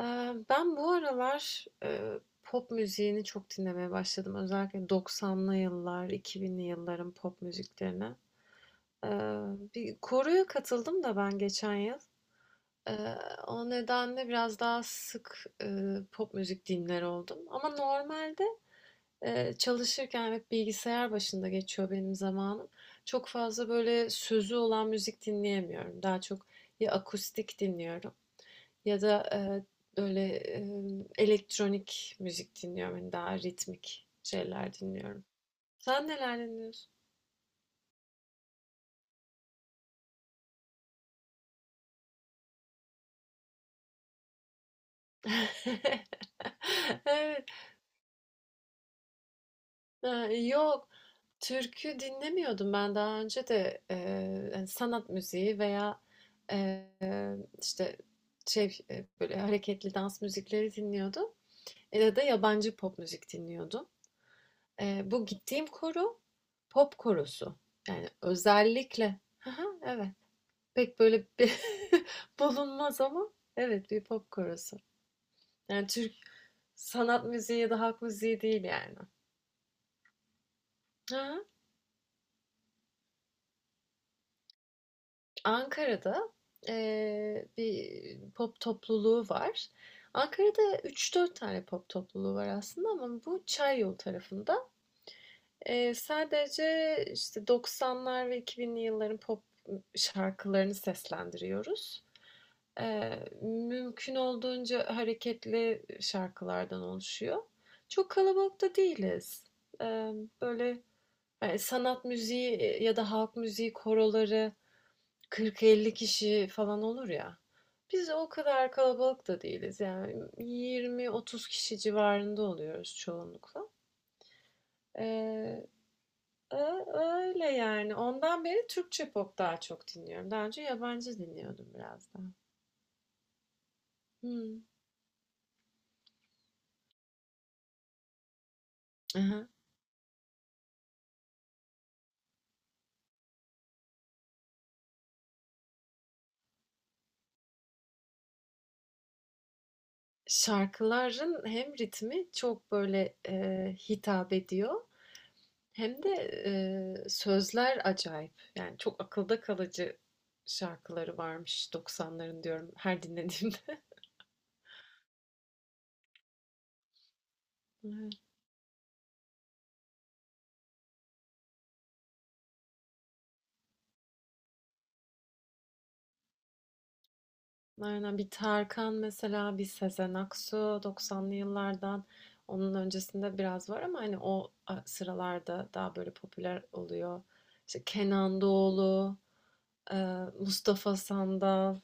Ben bu aralar, pop müziğini çok dinlemeye başladım. Özellikle 90'lı yıllar, 2000'li yılların pop müziklerine. Eee, Bir koroya katıldım da ben geçen yıl. Eee, O nedenle biraz daha sık, pop müzik dinler oldum. Ama normalde, çalışırken hep bilgisayar başında geçiyor benim zamanım. Çok fazla böyle sözü olan müzik dinleyemiyorum. Daha çok ya akustik dinliyorum ya da, böyle, elektronik müzik dinliyorum, hani, daha ritmik şeyler dinliyorum. Sen neler dinliyorsun? Evet. Ha, yok, türkü dinlemiyordum ben daha önce de, hani, sanat müziği veya, işte, şey, böyle hareketli dans müzikleri dinliyordum ya da yabancı pop müzik dinliyordum. Bu gittiğim koro, pop korosu. Yani özellikle Hı, evet. Pek böyle bir bulunmaz ama evet, bir pop korosu. Yani Türk sanat müziği ya da halk müziği değil yani. Ha, Ankara'da bir pop topluluğu var. Ankara'da üç dört tane pop topluluğu var aslında, ama bu Çayyolu tarafında. Sadece işte 90'lar ve 2000'li yılların pop şarkılarını seslendiriyoruz. Mümkün olduğunca hareketli şarkılardan oluşuyor. Çok kalabalık da değiliz. Böyle, sanat müziği ya da halk müziği koroları 40-50 kişi falan olur ya, biz o kadar kalabalık da değiliz. Yani 20-30 kişi civarında oluyoruz çoğunlukla. Eee, Öyle yani. Ondan beri Türkçe pop daha çok dinliyorum. Daha önce yabancı dinliyordum biraz daha. Hımm. Hı hı. Şarkıların hem ritmi çok böyle hitap ediyor, hem de sözler acayip. Yani çok akılda kalıcı şarkıları varmış 90'ların, diyorum her dinlediğimde. Evet. Aynen, bir Tarkan mesela, bir Sezen Aksu, 90'lı yıllardan, onun öncesinde biraz var ama hani o sıralarda daha böyle popüler oluyor. İşte Kenan Doğulu, Mustafa Sandal.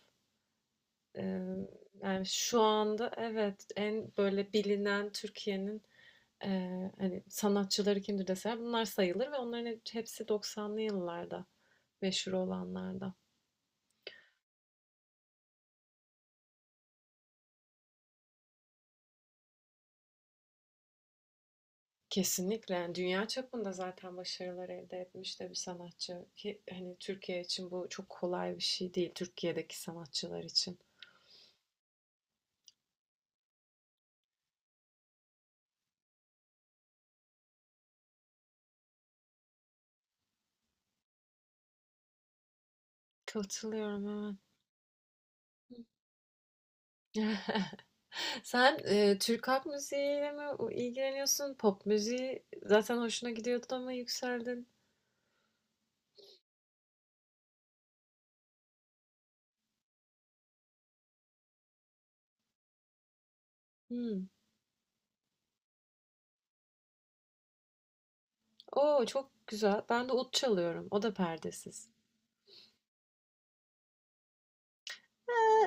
Emm, Yani, şu anda evet, en böyle bilinen Türkiye'nin, hani, sanatçıları kimdir deseler bunlar sayılır, ve onların hepsi 90'lı yıllarda meşhur olanlarda. Kesinlikle, yani, dünya çapında zaten başarılar elde etmiş de bir sanatçı ki, hani, Türkiye için bu çok kolay bir şey değil, Türkiye'deki sanatçılar için. Katılıyorum, evet. Sen, Türk halk müziğiyle mi ilgileniyorsun? Pop müziği zaten hoşuna gidiyordu ama yükseldin. Hıı. Oo, çok güzel. Ben de ut çalıyorum. O da perdesiz.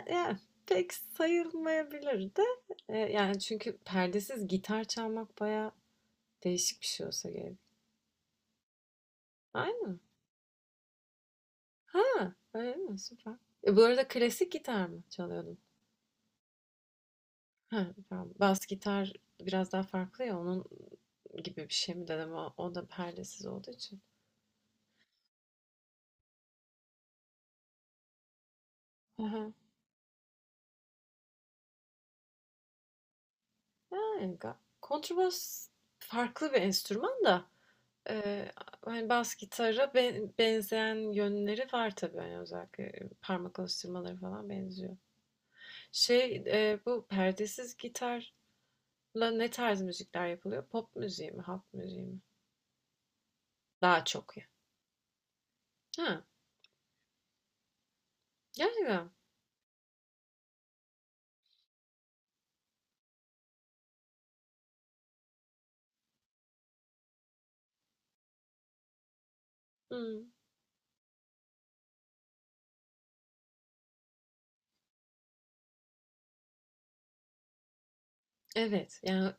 E, yani pek sayılmayabilir de. E, yani çünkü perdesiz gitar çalmak bayağı değişik bir şey olsa gerek. Aynı. Ha, öyle mi? Süper. E, bu arada klasik gitar mı çalıyordun? Ha, tamam. Bas gitar biraz daha farklı ya, onun gibi bir şey mi dedim ama o da perdesiz olduğu için. Hı hı. Yani kontrbas farklı bir enstrüman da. Eee, Hani bas gitara benzeyen yönleri var tabii, hani özellikle parmak alıştırmaları falan benziyor. Şey, bu perdesiz gitarla ne tarz müzikler yapılıyor? Pop müziği mi, halk müziği mi? Daha çok ya. Ha, gerçekten. Hmm. Evet yani,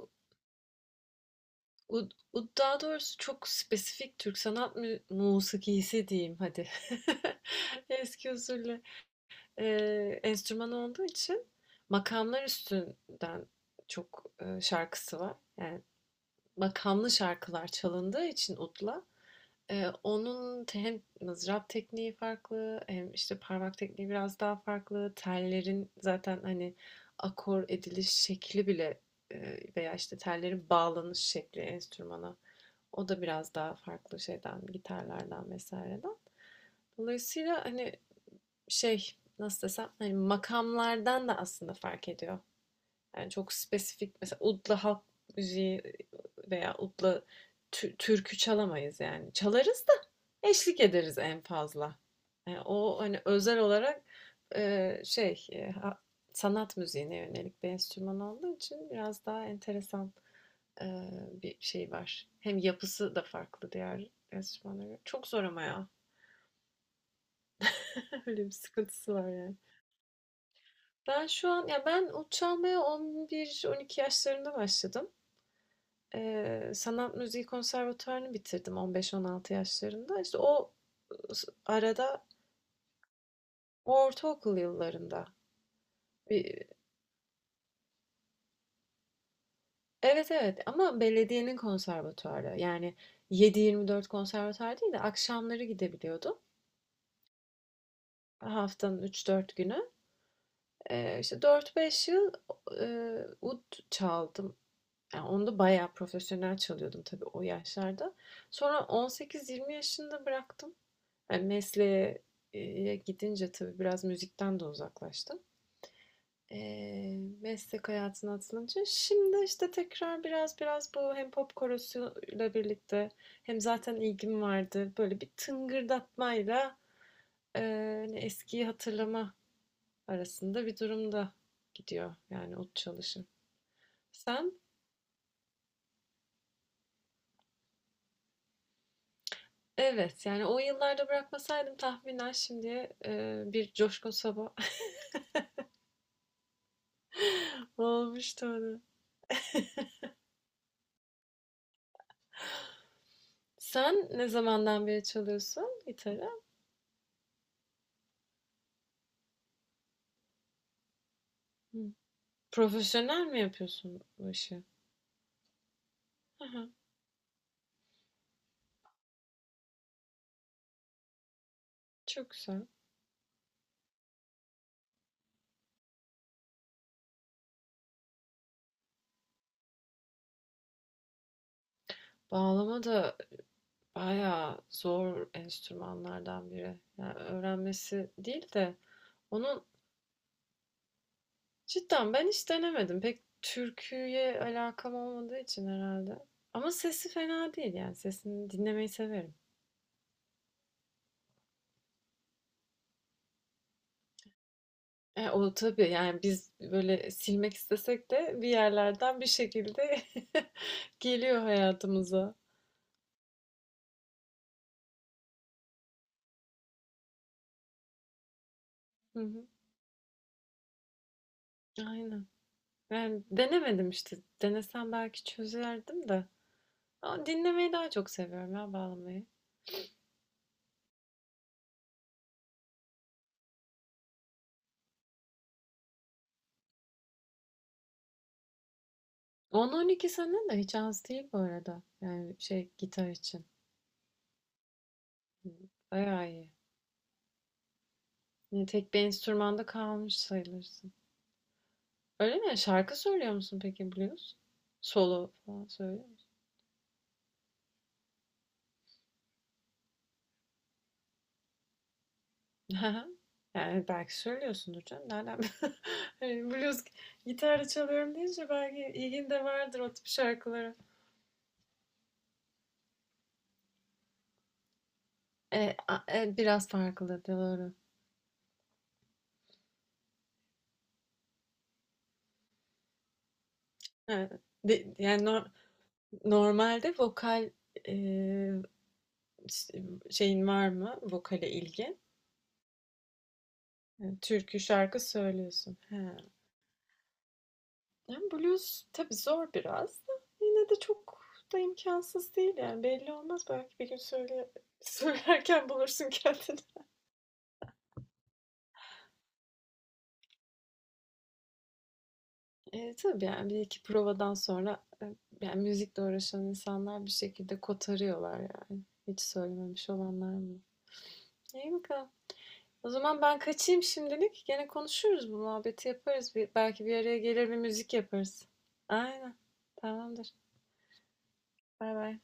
daha doğrusu çok spesifik Türk sanat musikisi diyeyim hadi. Eski usulle enstrüman olduğu için makamlar üstünden çok şarkısı var. Yani makamlı şarkılar çalındığı için udla, onun hem mızrap tekniği farklı, hem işte parmak tekniği biraz daha farklı. Tellerin zaten hani akor ediliş şekli bile, veya işte tellerin bağlanış şekli enstrümana, o da biraz daha farklı şeyden, gitarlardan vesaireden. Dolayısıyla hani, şey nasıl desem, hani makamlardan da aslında fark ediyor. Yani çok spesifik mesela, udla halk müziği veya udla türkü çalamayız yani. Çalarız da, eşlik ederiz en fazla. Yani o hani özel olarak şey sanat müziğine yönelik bir enstrüman olduğu için biraz daha enteresan e, bir şey var. Hem yapısı da farklı diğer enstrümanlara göre. Çok zor ama ya. Öyle bir sıkıntısı var yani. Ben şu an, ya, ben ut çalmaya 11-12 yaşlarında başladım. Sanat müziği konservatuvarını bitirdim 15-16 yaşlarında. İşte o arada, ortaokul yıllarında. bir- Evet evet, ama belediyenin konservatuvarı. Yani 7-24 konservatuvar değil de akşamları gidebiliyordum. Haftanın 3-4 günü. İşte 4-5 yıl ud çaldım. Yani onu da bayağı profesyonel çalıyordum tabii o yaşlarda. Sonra 18-20 yaşında bıraktım. Yani mesleğe gidince tabii biraz müzikten de uzaklaştım. E, meslek hayatına atılınca şimdi işte tekrar biraz biraz bu, hem pop korosuyla birlikte hem zaten ilgim vardı. Böyle bir tıngırdatmayla, e, hani eskiyi hatırlama arasında bir durumda gidiyor yani o çalışım. Sen Evet yani, o yıllarda bırakmasaydım tahminen şimdi bir coşkun sabah olmuştu onu. Sen ne zamandan beri çalıyorsun gitarı? Hı. Profesyonel mi yapıyorsun bu işi? Aha, çok güzel. Bağlama da bayağı zor enstrümanlardan biri. Yani öğrenmesi değil de onun, cidden ben hiç denemedim. Pek türküye alakam olmadığı için herhalde. Ama sesi fena değil yani, sesini dinlemeyi severim. E, o tabii yani, biz böyle silmek istesek de bir yerlerden bir şekilde geliyor hayatımıza. Hı hı. Aynen. Ben denemedim işte. Denesem belki çözerdim de. Ama dinlemeyi daha çok seviyorum ya bağlamayı. 10-12 sene de hiç az değil bu arada. Yani şey, gitar için. Hı, bayağı iyi. Yani tek bir enstrümanda kalmış sayılırsın. Öyle mi? Şarkı söylüyor musun peki blues? Solo falan söyle. Hı. Yani belki söylüyorsundur canım. Nereden? Hani Blues gitarla çalıyorum deyince belki ilgin de vardır o tip şarkılara. Biraz farklı doğru. Evet. Yani normalde vokal, e, s- şeyin var mı? Vokale ilgin. Yani türkü şarkı söylüyorsun. He. Yani blues tabii zor biraz da, yine de çok da imkansız değil yani, belli olmaz, belki bir gün söyle söylerken bulursun kendini. Tabii, yani, 1-2 provadan sonra, yani, müzikle uğraşan insanlar bir şekilde kotarıyorlar yani. Hiç söylememiş olanlar mı? İyi bakalım. O zaman ben kaçayım şimdilik. Gene konuşuruz, bu muhabbeti yaparız. Belki bir araya gelir bir müzik yaparız. Aynen. Tamamdır. Bay bay.